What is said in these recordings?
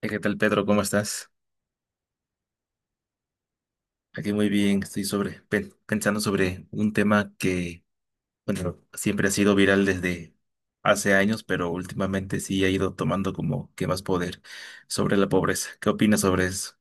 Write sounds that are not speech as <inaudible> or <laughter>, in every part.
¿Qué tal, Pedro? ¿Cómo estás? Aquí muy bien, estoy sobre, pensando sobre un tema que, bueno, siempre ha sido viral desde hace años, pero últimamente sí ha ido tomando como que más poder sobre la pobreza. ¿Qué opinas sobre eso?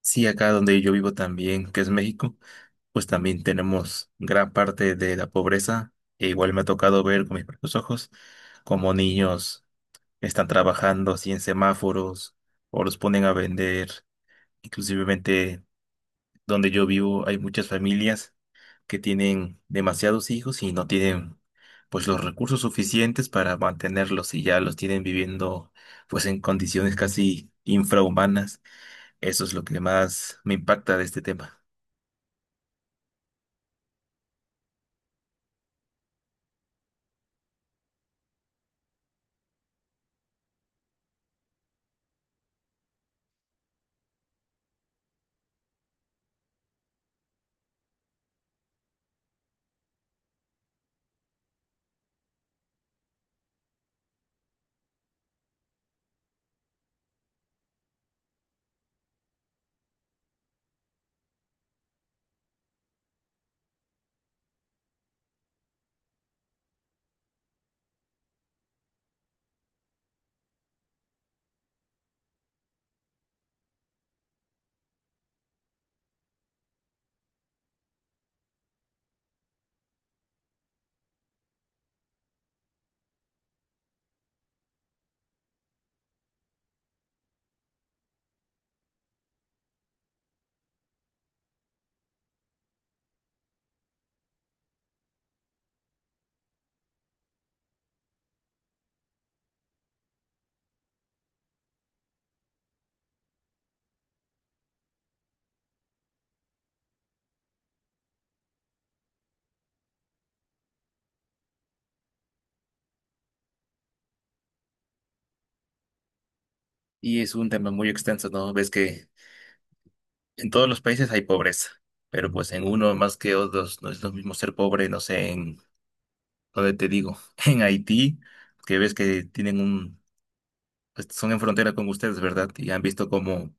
Sí, acá donde yo vivo también, que es México, pues también tenemos gran parte de la pobreza. E igual me ha tocado ver con mis propios ojos cómo niños están trabajando así en semáforos o los ponen a vender, inclusivemente. Donde yo vivo hay muchas familias que tienen demasiados hijos y no tienen pues los recursos suficientes para mantenerlos y ya los tienen viviendo pues en condiciones casi infrahumanas. Eso es lo que más me impacta de este tema. Y es un tema muy extenso, ¿no? Ves que en todos los países hay pobreza, pero pues en uno más que otros no es lo mismo ser pobre, no sé, en donde te digo, <laughs> en Haití, que ves que tienen un, pues, son en frontera con ustedes, ¿verdad? Y han visto cómo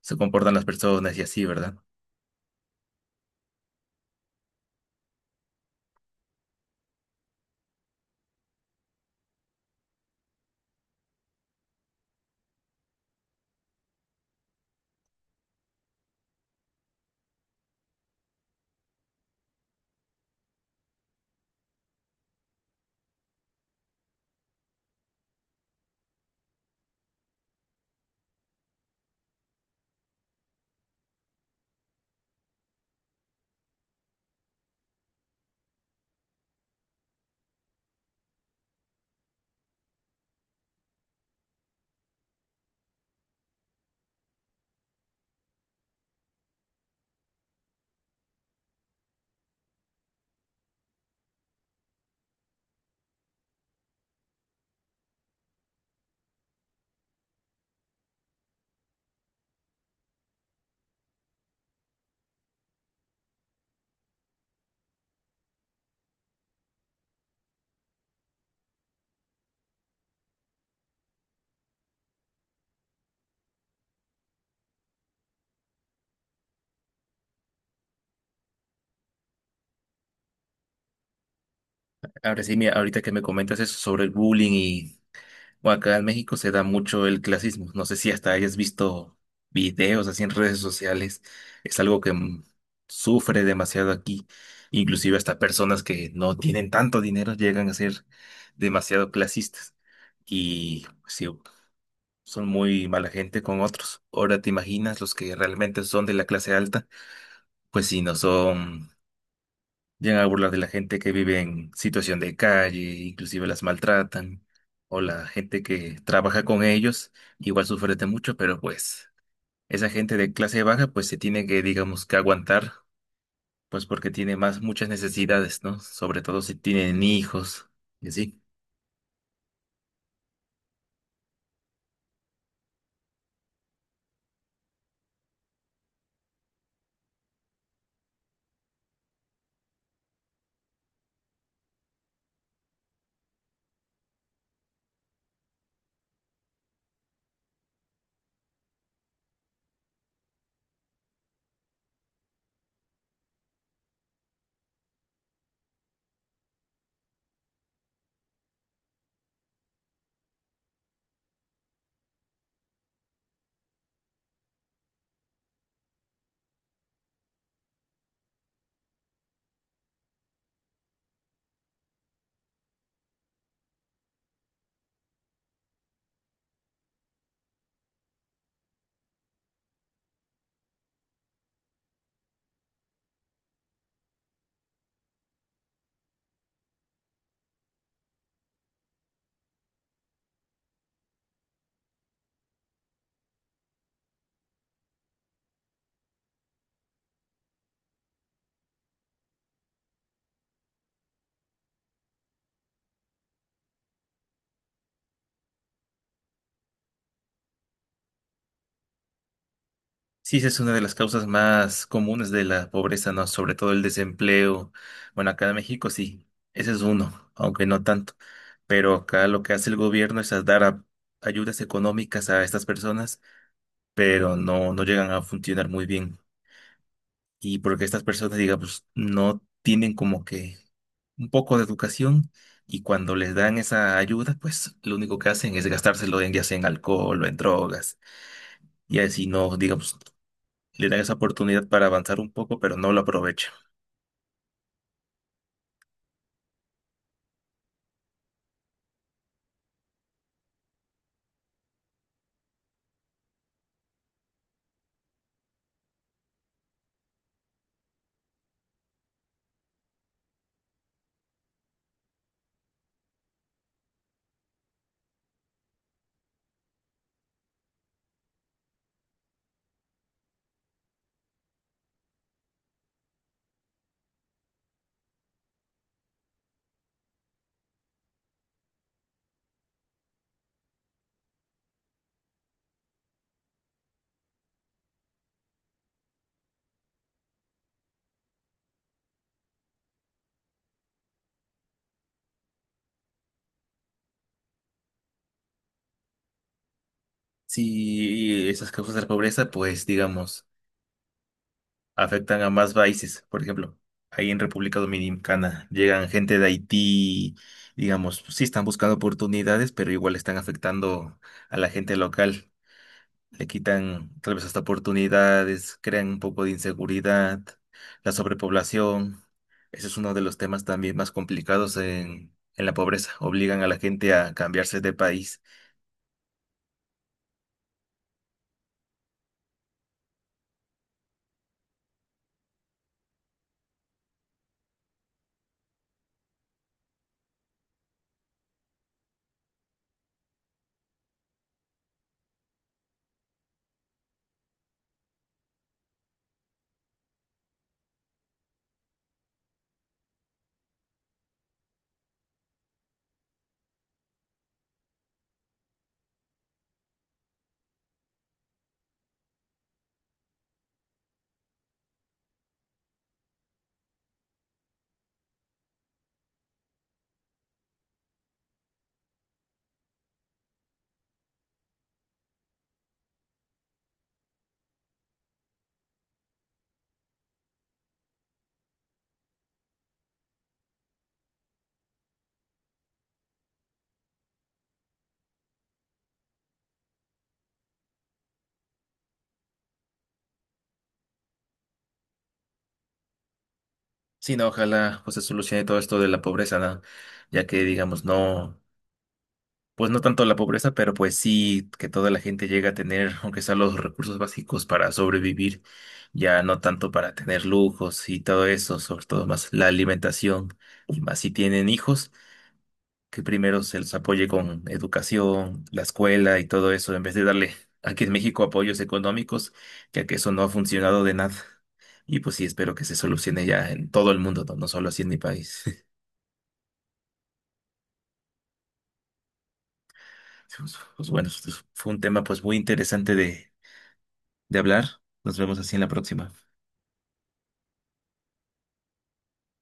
se comportan las personas y así, ¿verdad? Ahora sí, mira, ahorita que me comentas eso sobre el bullying y bueno, acá en México se da mucho el clasismo. No sé si hasta hayas visto videos así en redes sociales. Es algo que sufre demasiado aquí. Inclusive hasta personas que no tienen tanto dinero llegan a ser demasiado clasistas. Y pues sí, son muy mala gente con otros. Ahora te imaginas los que realmente son de la clase alta, pues si no son. Llegan a burlar de la gente que vive en situación de calle, inclusive las maltratan, o la gente que trabaja con ellos, igual sufre de mucho, pero pues esa gente de clase baja pues se tiene que, digamos, que aguantar, pues porque tiene más muchas necesidades, ¿no? Sobre todo si tienen hijos y así. Sí, esa es una de las causas más comunes de la pobreza, ¿no? Sobre todo el desempleo. Bueno, acá en México sí, ese es uno, aunque no tanto. Pero acá lo que hace el gobierno es a ayudas económicas a estas personas, pero no llegan a funcionar muy bien. Y porque estas personas, digamos, no tienen como que un poco de educación y cuando les dan esa ayuda, pues lo único que hacen es gastárselo en, ya sea en alcohol o en drogas. Y así no, digamos, le dan esa oportunidad para avanzar un poco, pero no lo aprovechan. Si esas causas de la pobreza, pues digamos, afectan a más países. Por ejemplo, ahí en República Dominicana llegan gente de Haití, digamos, sí están buscando oportunidades, pero igual están afectando a la gente local. Le quitan tal vez hasta oportunidades, crean un poco de inseguridad, la sobrepoblación. Ese es uno de los temas también más complicados en la pobreza. Obligan a la gente a cambiarse de país. Sí, no, ojalá pues se solucione todo esto de la pobreza, ¿no? Ya que digamos, no, pues no tanto la pobreza, pero pues sí que toda la gente llegue a tener, aunque sea los recursos básicos para sobrevivir, ya no tanto para tener lujos y todo eso, sobre todo más la alimentación, y más si tienen hijos que primero se les apoye con educación, la escuela y todo eso, en vez de darle aquí en México apoyos económicos, ya que eso no ha funcionado de nada. Y pues sí, espero que se solucione ya en todo el mundo, no, no solo así en mi país. <laughs> Pues, pues bueno, esto fue un tema pues muy interesante de hablar. Nos vemos así en la próxima.